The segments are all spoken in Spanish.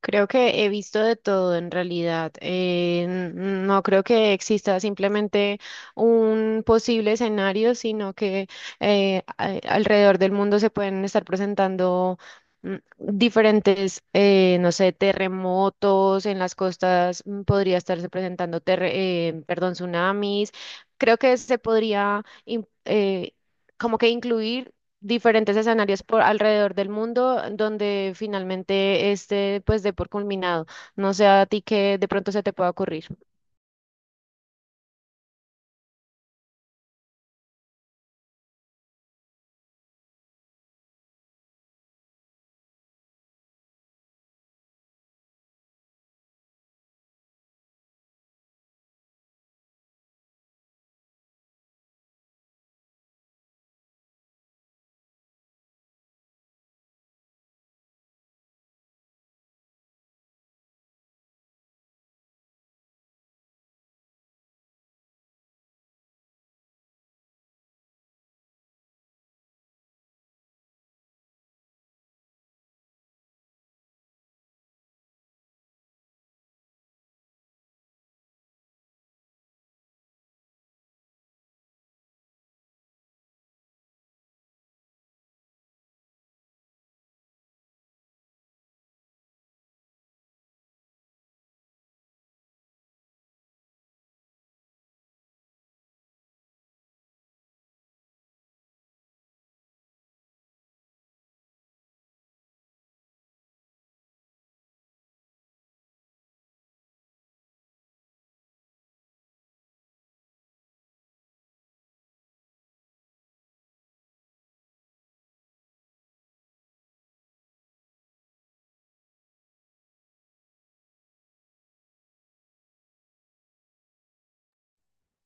Creo que he visto de todo en realidad. No creo que exista simplemente un posible escenario, sino que alrededor del mundo se pueden estar presentando diferentes, no sé, terremotos en las costas, podría estarse presentando, perdón, tsunamis. Creo que se podría como que incluir diferentes escenarios por alrededor del mundo donde finalmente este pues dé por culminado. No sé a ti que de pronto se te pueda ocurrir.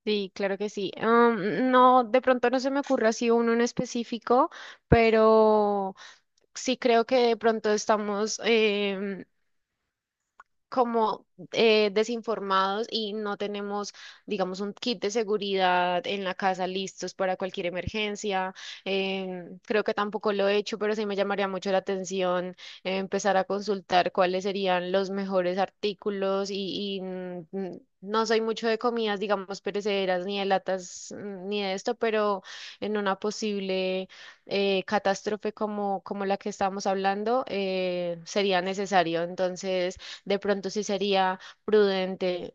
Sí, claro que sí. No, de pronto no se me ocurre así uno en específico, pero sí creo que de pronto estamos em, como desinformados y no tenemos, digamos, un kit de seguridad en la casa listos para cualquier emergencia. Creo que tampoco lo he hecho, pero sí me llamaría mucho la atención empezar a consultar cuáles serían los mejores artículos y, no soy mucho de comidas, digamos, perecederas, ni de latas, ni de esto, pero en una posible catástrofe como, como la que estamos hablando, sería necesario. Entonces, de pronto sí sería prudente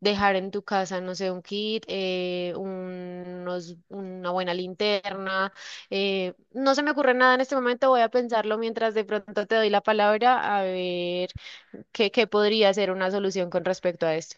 dejar en tu casa, no sé, un kit, una buena linterna. No se me ocurre nada en este momento, voy a pensarlo mientras de pronto te doy la palabra a ver qué, qué podría ser una solución con respecto a esto.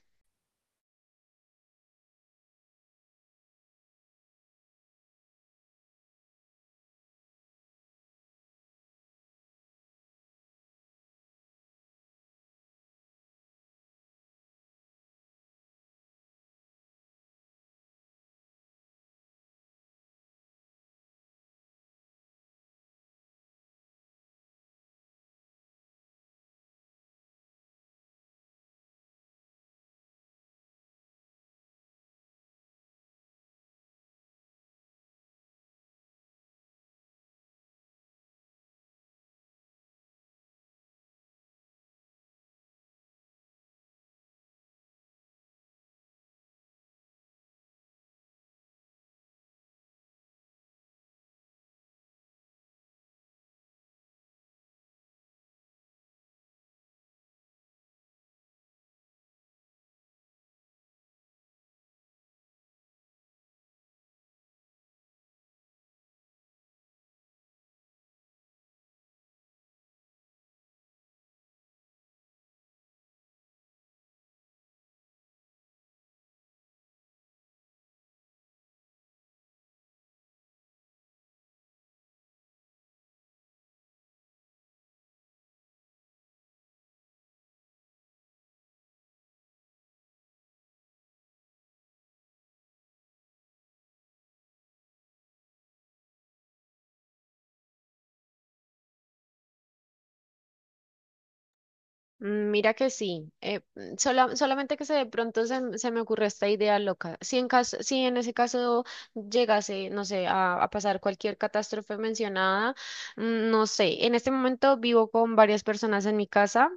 Mira que sí, solamente que se de pronto se, m- se me ocurre esta idea loca. Si en ese caso llegase, no sé, a pasar cualquier catástrofe mencionada, no sé, en este momento vivo con varias personas en mi casa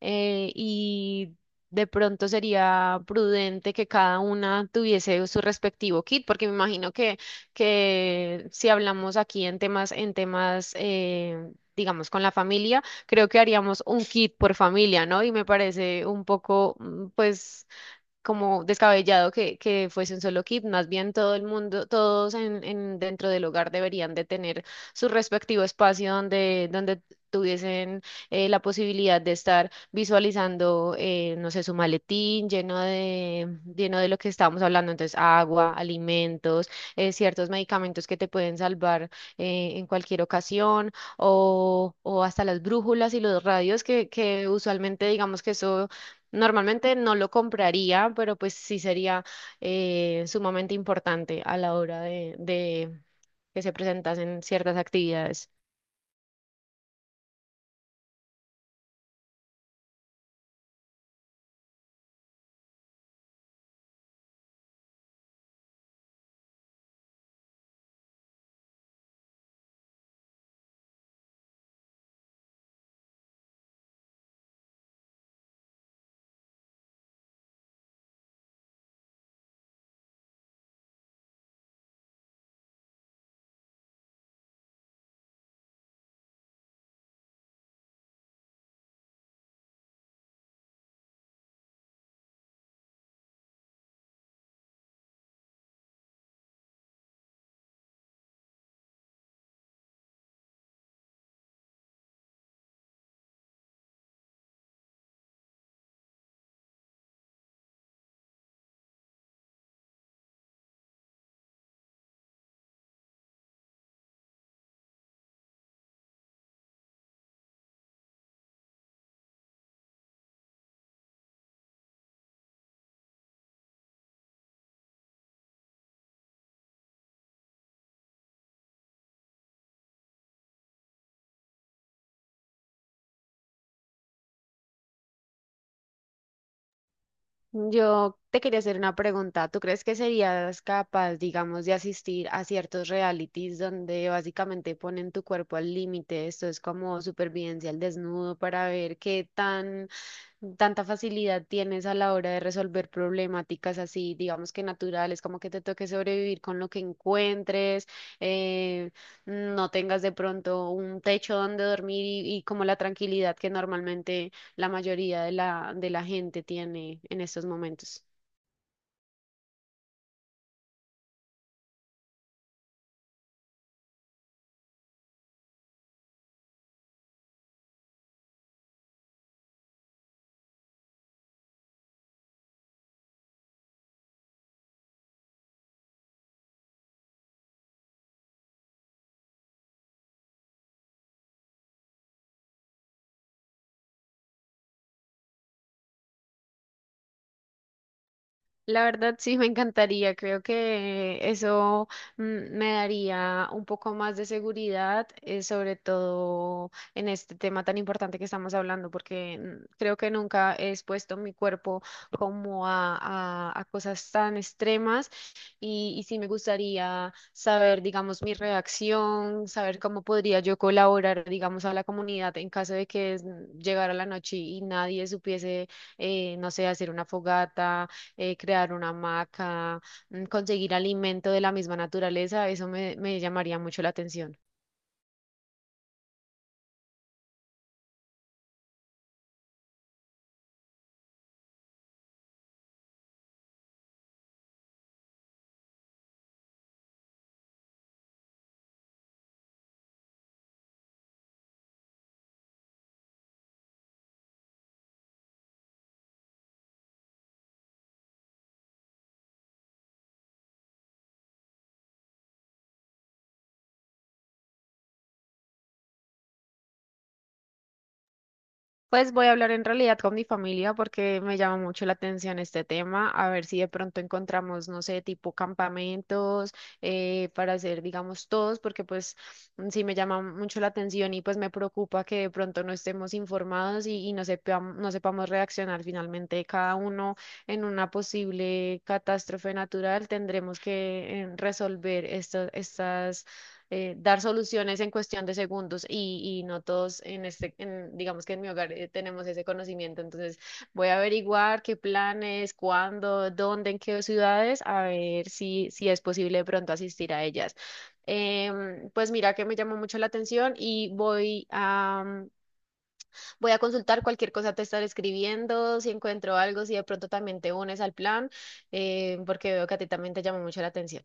y de pronto sería prudente que cada una tuviese su respectivo kit, porque me imagino que si hablamos aquí en temas, en temas, digamos, con la familia, creo que haríamos un kit por familia, ¿no? Y me parece un poco, pues, como descabellado que fuese un solo kit, más bien todo el mundo, todos dentro del hogar deberían de tener su respectivo espacio donde, donde tuviesen la posibilidad de estar visualizando, no sé, su maletín lleno de lo que estábamos hablando, entonces agua, alimentos, ciertos medicamentos que te pueden salvar en cualquier ocasión, o hasta las brújulas y los radios que usualmente digamos que eso. Normalmente no lo compraría, pero pues sí sería sumamente importante a la hora de que se presentasen ciertas actividades. Yo te quería hacer una pregunta. ¿Tú crees que serías capaz, digamos, de asistir a ciertos realities donde básicamente ponen tu cuerpo al límite? Esto es como supervivencia al desnudo para ver qué tan tanta facilidad tienes a la hora de resolver problemáticas así, digamos que naturales, como que te toque sobrevivir con lo que encuentres, eh, no tengas de pronto un techo donde dormir y como la tranquilidad que normalmente la mayoría de la gente tiene en estos momentos. La verdad sí me encantaría, creo que eso mm, me daría un poco más de seguridad, sobre todo en este tema tan importante que estamos hablando, porque creo que nunca he expuesto mi cuerpo como a, a cosas tan extremas y sí me gustaría saber, digamos, mi reacción, saber cómo podría yo colaborar, digamos, a la comunidad en caso de que llegara la noche y nadie supiese, no sé, hacer una fogata crear una hamaca, conseguir alimento de la misma naturaleza, eso me, me llamaría mucho la atención. Pues voy a hablar en realidad con mi familia porque me llama mucho la atención este tema, a ver si de pronto encontramos, no sé, tipo campamentos para hacer, digamos, todos, porque pues sí me llama mucho la atención y pues me preocupa que de pronto no estemos informados y no no sepamos reaccionar finalmente cada uno en una posible catástrofe natural. Tendremos que resolver estas dar soluciones en cuestión de segundos y no todos en este, digamos que en mi hogar tenemos ese conocimiento. Entonces voy a averiguar qué planes, cuándo, dónde, en qué ciudades, a ver si, si es posible de pronto asistir a ellas. Pues mira que me llamó mucho la atención y voy a, voy a consultar cualquier cosa te estaré escribiendo, si encuentro algo, si de pronto también te unes al plan, porque veo que a ti también te llamó mucho la atención.